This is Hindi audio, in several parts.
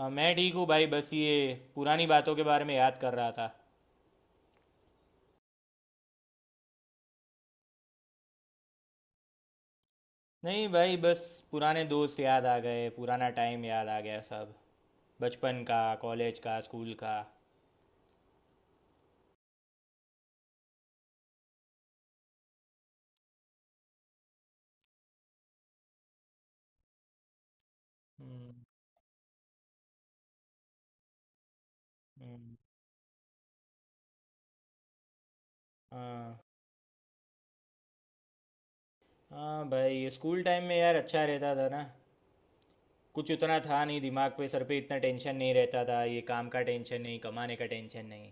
हाँ मैं ठीक हूँ भाई बस ये पुरानी बातों के बारे में याद कर रहा था। नहीं भाई बस पुराने दोस्त याद आ गए पुराना टाइम याद आ गया सब। बचपन का कॉलेज का स्कूल का। हम्म। हम्म। हाँ हाँ भाई ये स्कूल टाइम में यार अच्छा रहता था ना। कुछ उतना था नहीं दिमाग पे सर पे इतना टेंशन नहीं रहता था ये काम का टेंशन नहीं कमाने का टेंशन नहीं।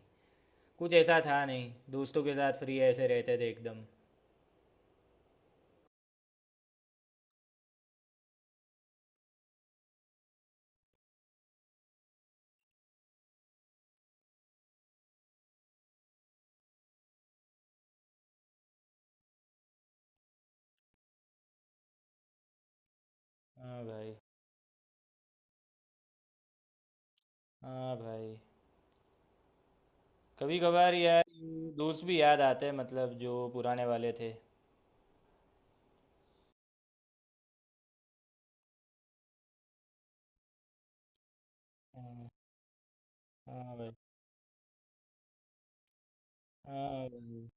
कुछ ऐसा था नहीं दोस्तों के साथ फ्री ऐसे रहते थे एकदम। हाँ भाई। हाँ भाई। कभी कभार यार ये दोस्त भी याद आते हैं मतलब जो पुराने वाले थे। हाँ। हाँ भाई। हाँ भाई।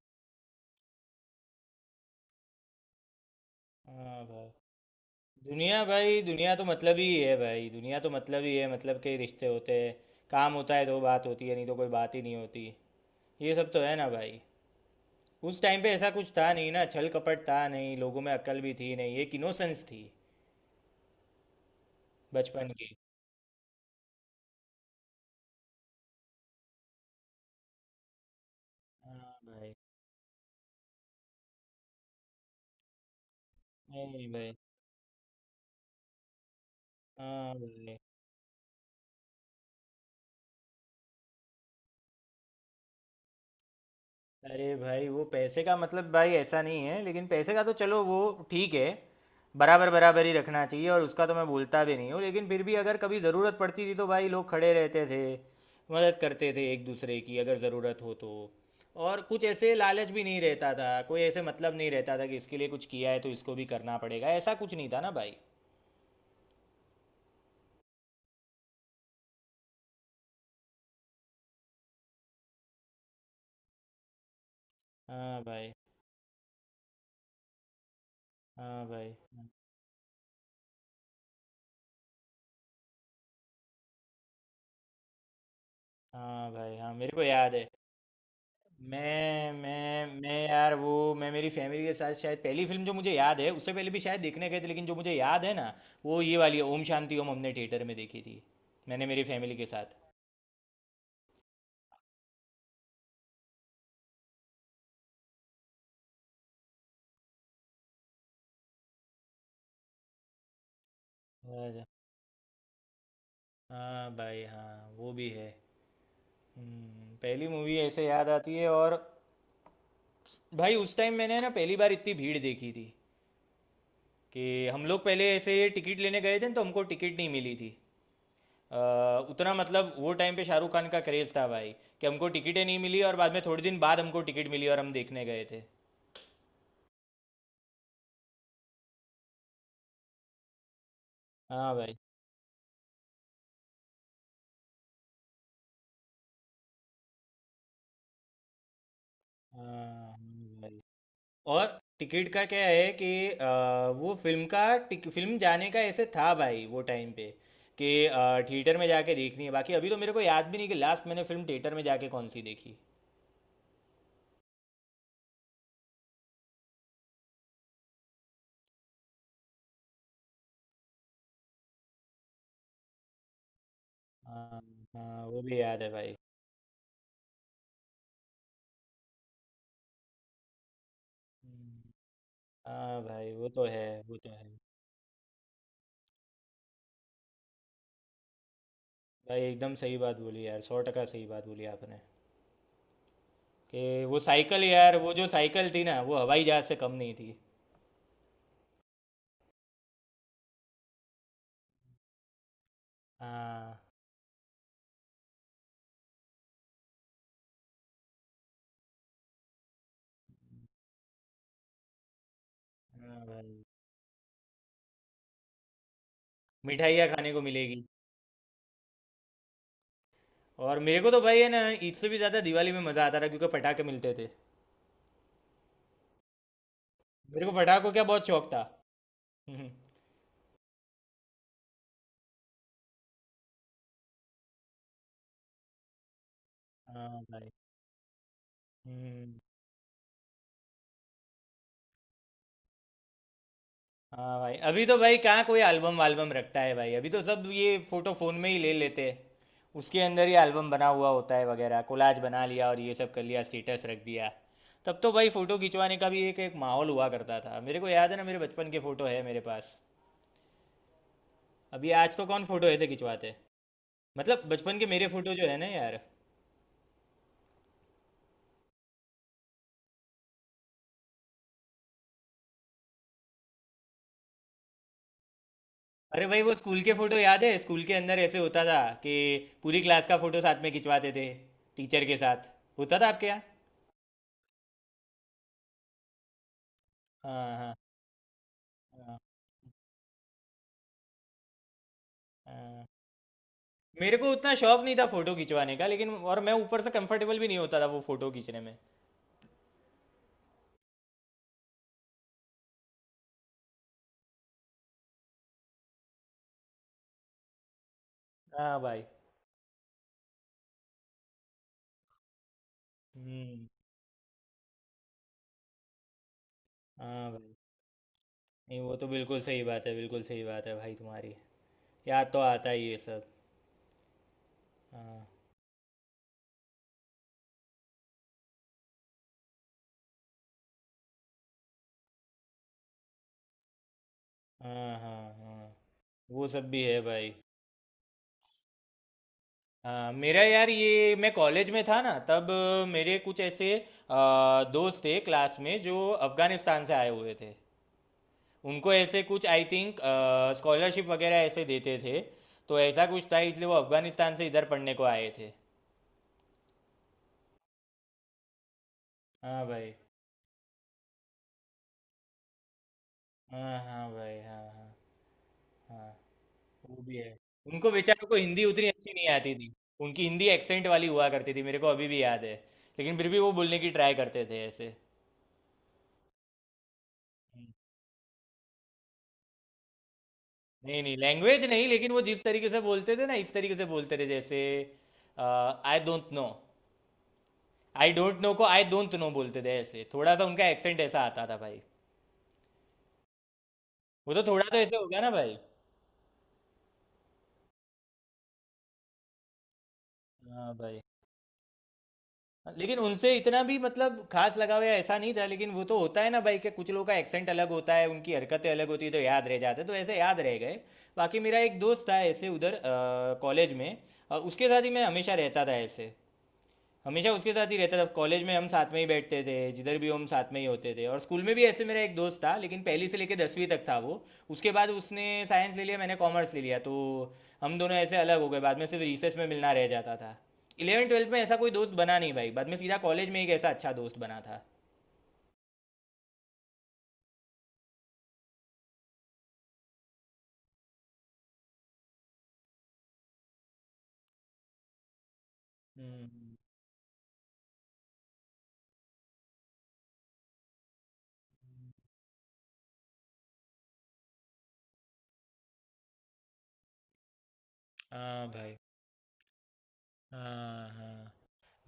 हाँ भाई दुनिया तो मतलब ही है भाई दुनिया तो मतलब ही है मतलब के ही रिश्ते होते हैं। काम होता है तो बात होती है नहीं तो कोई बात ही नहीं होती। ये सब तो है ना भाई। उस टाइम पे ऐसा कुछ था नहीं ना छल कपट था नहीं लोगों में अक्ल भी थी नहीं एक इनोसेंस थी। बचपन की। हाँ भाई। नहीं भाई। हाँ भाई। अरे भाई वो पैसे का मतलब भाई ऐसा नहीं है लेकिन पैसे का तो चलो वो ठीक है। बराबर बराबर ही रखना चाहिए और उसका तो मैं बोलता भी नहीं हूँ लेकिन फिर भी अगर कभी ज़रूरत पड़ती थी तो भाई लोग खड़े रहते थे। मदद करते थे एक दूसरे की अगर ज़रूरत हो तो। और कुछ ऐसे लालच भी नहीं रहता था कोई ऐसे मतलब नहीं रहता था कि इसके लिए कुछ किया है तो इसको भी करना पड़ेगा ऐसा कुछ नहीं था ना भाई। हाँ भाई। हाँ भाई। हाँ हाँ भाई। हाँ मेरे को याद है। मैं यार वो। मैं मेरी फैमिली के साथ शायद पहली फिल्म जो मुझे याद है उससे पहले भी शायद देखने गए थे लेकिन जो मुझे याद है ना वो ये वाली है ओम शांति ओम हमने थिएटर में देखी थी। मैंने मेरी फैमिली के साथ। अच्छा। हाँ भाई। हाँ वो भी है। पहली मूवी ऐसे याद आती है और भाई उस टाइम मैंने ना पहली बार इतनी भीड़ देखी थी कि हम लोग पहले ऐसे टिकट लेने गए थे न, तो हमको टिकट नहीं मिली थी। अ, उतना मतलब वो टाइम पे शाहरुख खान का क्रेज था भाई कि हमको टिकटें नहीं मिली और बाद में थोड़े दिन बाद हमको टिकट मिली और हम देखने गए थे। हाँ भाई। हाँ हाँ भाई। और टिकट का क्या है कि वो फिल्म का फिल्म जाने का ऐसे था भाई वो टाइम पे कि थिएटर में जाके देखनी है बाकी अभी तो मेरे को याद भी नहीं कि लास्ट मैंने फिल्म थिएटर में जाके कौन सी देखी। हाँ हाँ वो भी याद है भाई। हम्म, हाँ भाई वो तो है वो तो है। भाई एकदम सही बात बोली यार सौ टका सही बात बोली आपने कि वो साइकिल यार वो जो साइकिल थी ना वो हवाई जहाज से कम नहीं थी। हाँ। हाँ भाई। मिठाइयाँ खाने को मिलेगी। और मेरे को तो भाई है ना ईद से भी ज़्यादा दिवाली में मज़ा आता था क्योंकि पटाखे मिलते थे। मेरे को पटाखों का बहुत शौक था। हम्म। हाँ भाई। हम्म। हाँ भाई। अभी तो भाई कहाँ कोई एल्बम वाल्बम रखता है भाई अभी तो सब ये फोटो फोन में ही ले लेते हैं। उसके अंदर ही एल्बम बना हुआ होता है वगैरह कोलाज बना लिया और ये सब कर लिया स्टेटस रख दिया। तब तो भाई फोटो खिंचवाने का भी एक एक माहौल हुआ करता था मेरे को याद है ना मेरे बचपन के फोटो है मेरे पास। अभी आज तो कौन फोटो ऐसे खिंचवाते। मतलब बचपन के मेरे फोटो जो है ना यार। अरे भाई वो स्कूल के फोटो याद है स्कूल के अंदर ऐसे होता था कि पूरी क्लास का फोटो साथ में खिंचवाते थे टीचर के साथ होता था आपके यहाँ। हाँ हाँ हाँ हाँ। मेरे को उतना शौक नहीं था फोटो खिंचवाने का लेकिन और मैं ऊपर से कंफर्टेबल भी नहीं होता था वो फोटो खींचने में। हाँ भाई। हम्म। हाँ भाई। नहीं वो तो बिल्कुल सही बात है बिल्कुल सही बात है भाई तुम्हारी। याद तो आता ही ये सब। हाँ हाँ हाँ हाँ वो सब भी है भाई। हाँ मेरा यार ये मैं कॉलेज में था ना तब। मेरे कुछ ऐसे अ, दोस्त थे क्लास में जो अफ़गानिस्तान से आए हुए थे। उनको ऐसे कुछ आई थिंक स्कॉलरशिप वगैरह ऐसे देते थे। तो ऐसा कुछ था इसलिए वो अफगानिस्तान से इधर पढ़ने को आए थे। हाँ भाई। हाँ हाँ भाई। हाँ हाँ। हाँ वो भी है। उनको बेचारों को हिंदी उतनी अच्छी नहीं आती थी। उनकी हिंदी एक्सेंट वाली हुआ करती थी मेरे को अभी भी याद है। लेकिन फिर भी वो बोलने की ट्राई करते थे ऐसे। हम्म, नहीं नहीं लैंग्वेज नहीं लेकिन वो जिस तरीके से बोलते थे ना इस तरीके से बोलते थे जैसे I don't know. I don't know को आई डोंट नो बोलते थे ऐसे थोड़ा सा उनका एक्सेंट ऐसा आता था भाई। वो तो थोड़ा तो ऐसे होगा ना भाई। हाँ भाई। लेकिन उनसे इतना भी मतलब खास लगाव या ऐसा नहीं था लेकिन वो तो होता है ना भाई कि कुछ लोगों का एक्सेंट अलग होता है उनकी हरकतें अलग होती है तो याद रह जाते हैं, तो ऐसे याद रह गए। बाकी मेरा एक दोस्त था ऐसे उधर कॉलेज में उसके साथ ही मैं हमेशा रहता था ऐसे। हमेशा उसके साथ ही रहता था कॉलेज में हम साथ में ही बैठते थे जिधर भी हो हम साथ में ही होते थे और स्कूल में भी ऐसे मेरा एक दोस्त था लेकिन पहली से लेकर 10वीं तक था वो। उसके बाद उसने साइंस ले लिया मैंने कॉमर्स ले लिया तो हम दोनों ऐसे अलग हो गए बाद में सिर्फ रिसेस में मिलना रह जाता था। इलेवन ट्वेल्थ में ऐसा कोई दोस्त बना नहीं भाई बाद में सीधा कॉलेज में एक ऐसा अच्छा दोस्त बना था। हम्म। हाँ भाई। हाँ हाँ।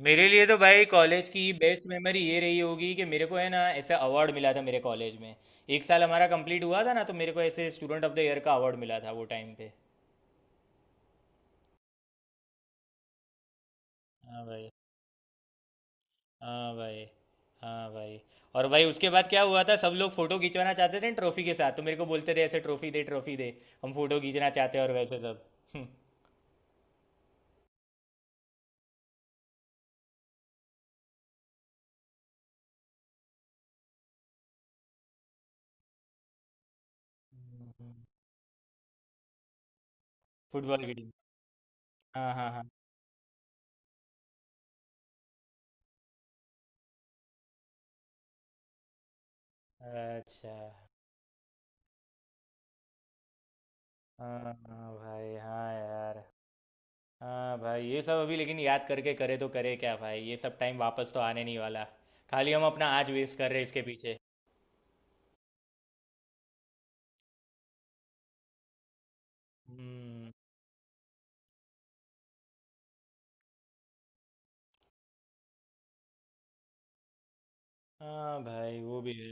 मेरे लिए तो भाई कॉलेज की बेस्ट मेमोरी ये रही होगी कि मेरे को है ना ऐसा अवार्ड मिला था मेरे कॉलेज में। एक साल हमारा कंप्लीट हुआ था ना तो मेरे को ऐसे स्टूडेंट ऑफ द ईयर का अवार्ड मिला था वो टाइम पे। हाँ भाई। हाँ भाई। हाँ भाई। और भाई उसके बाद क्या हुआ था सब लोग फोटो खिंचवाना चाहते थे ट्रॉफी के साथ तो मेरे को बोलते रहे ऐसे ट्रॉफी दे ट्रॉफी दे। हम फोटो खींचना चाहते हैं और वैसे सब फुटबॉल की टीम। हाँ हाँ हाँ। अच्छा। हाँ हाँ भाई हाँ यार। हाँ भाई ये सब अभी लेकिन याद करके करे तो करे क्या भाई ये सब टाइम वापस तो आने नहीं वाला। खाली हम अपना आज वेस्ट कर रहे हैं इसके पीछे। हम्म। हाँ भाई वो भी है।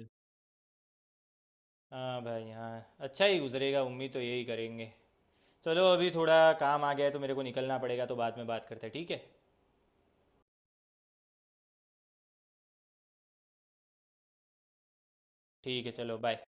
हाँ भाई हाँ अच्छा ही गुजरेगा उम्मीद तो यही करेंगे। चलो अभी थोड़ा काम आ गया है तो मेरे को निकलना पड़ेगा तो बाद में बात करते हैं ठीक है। ठीक है चलो बाय।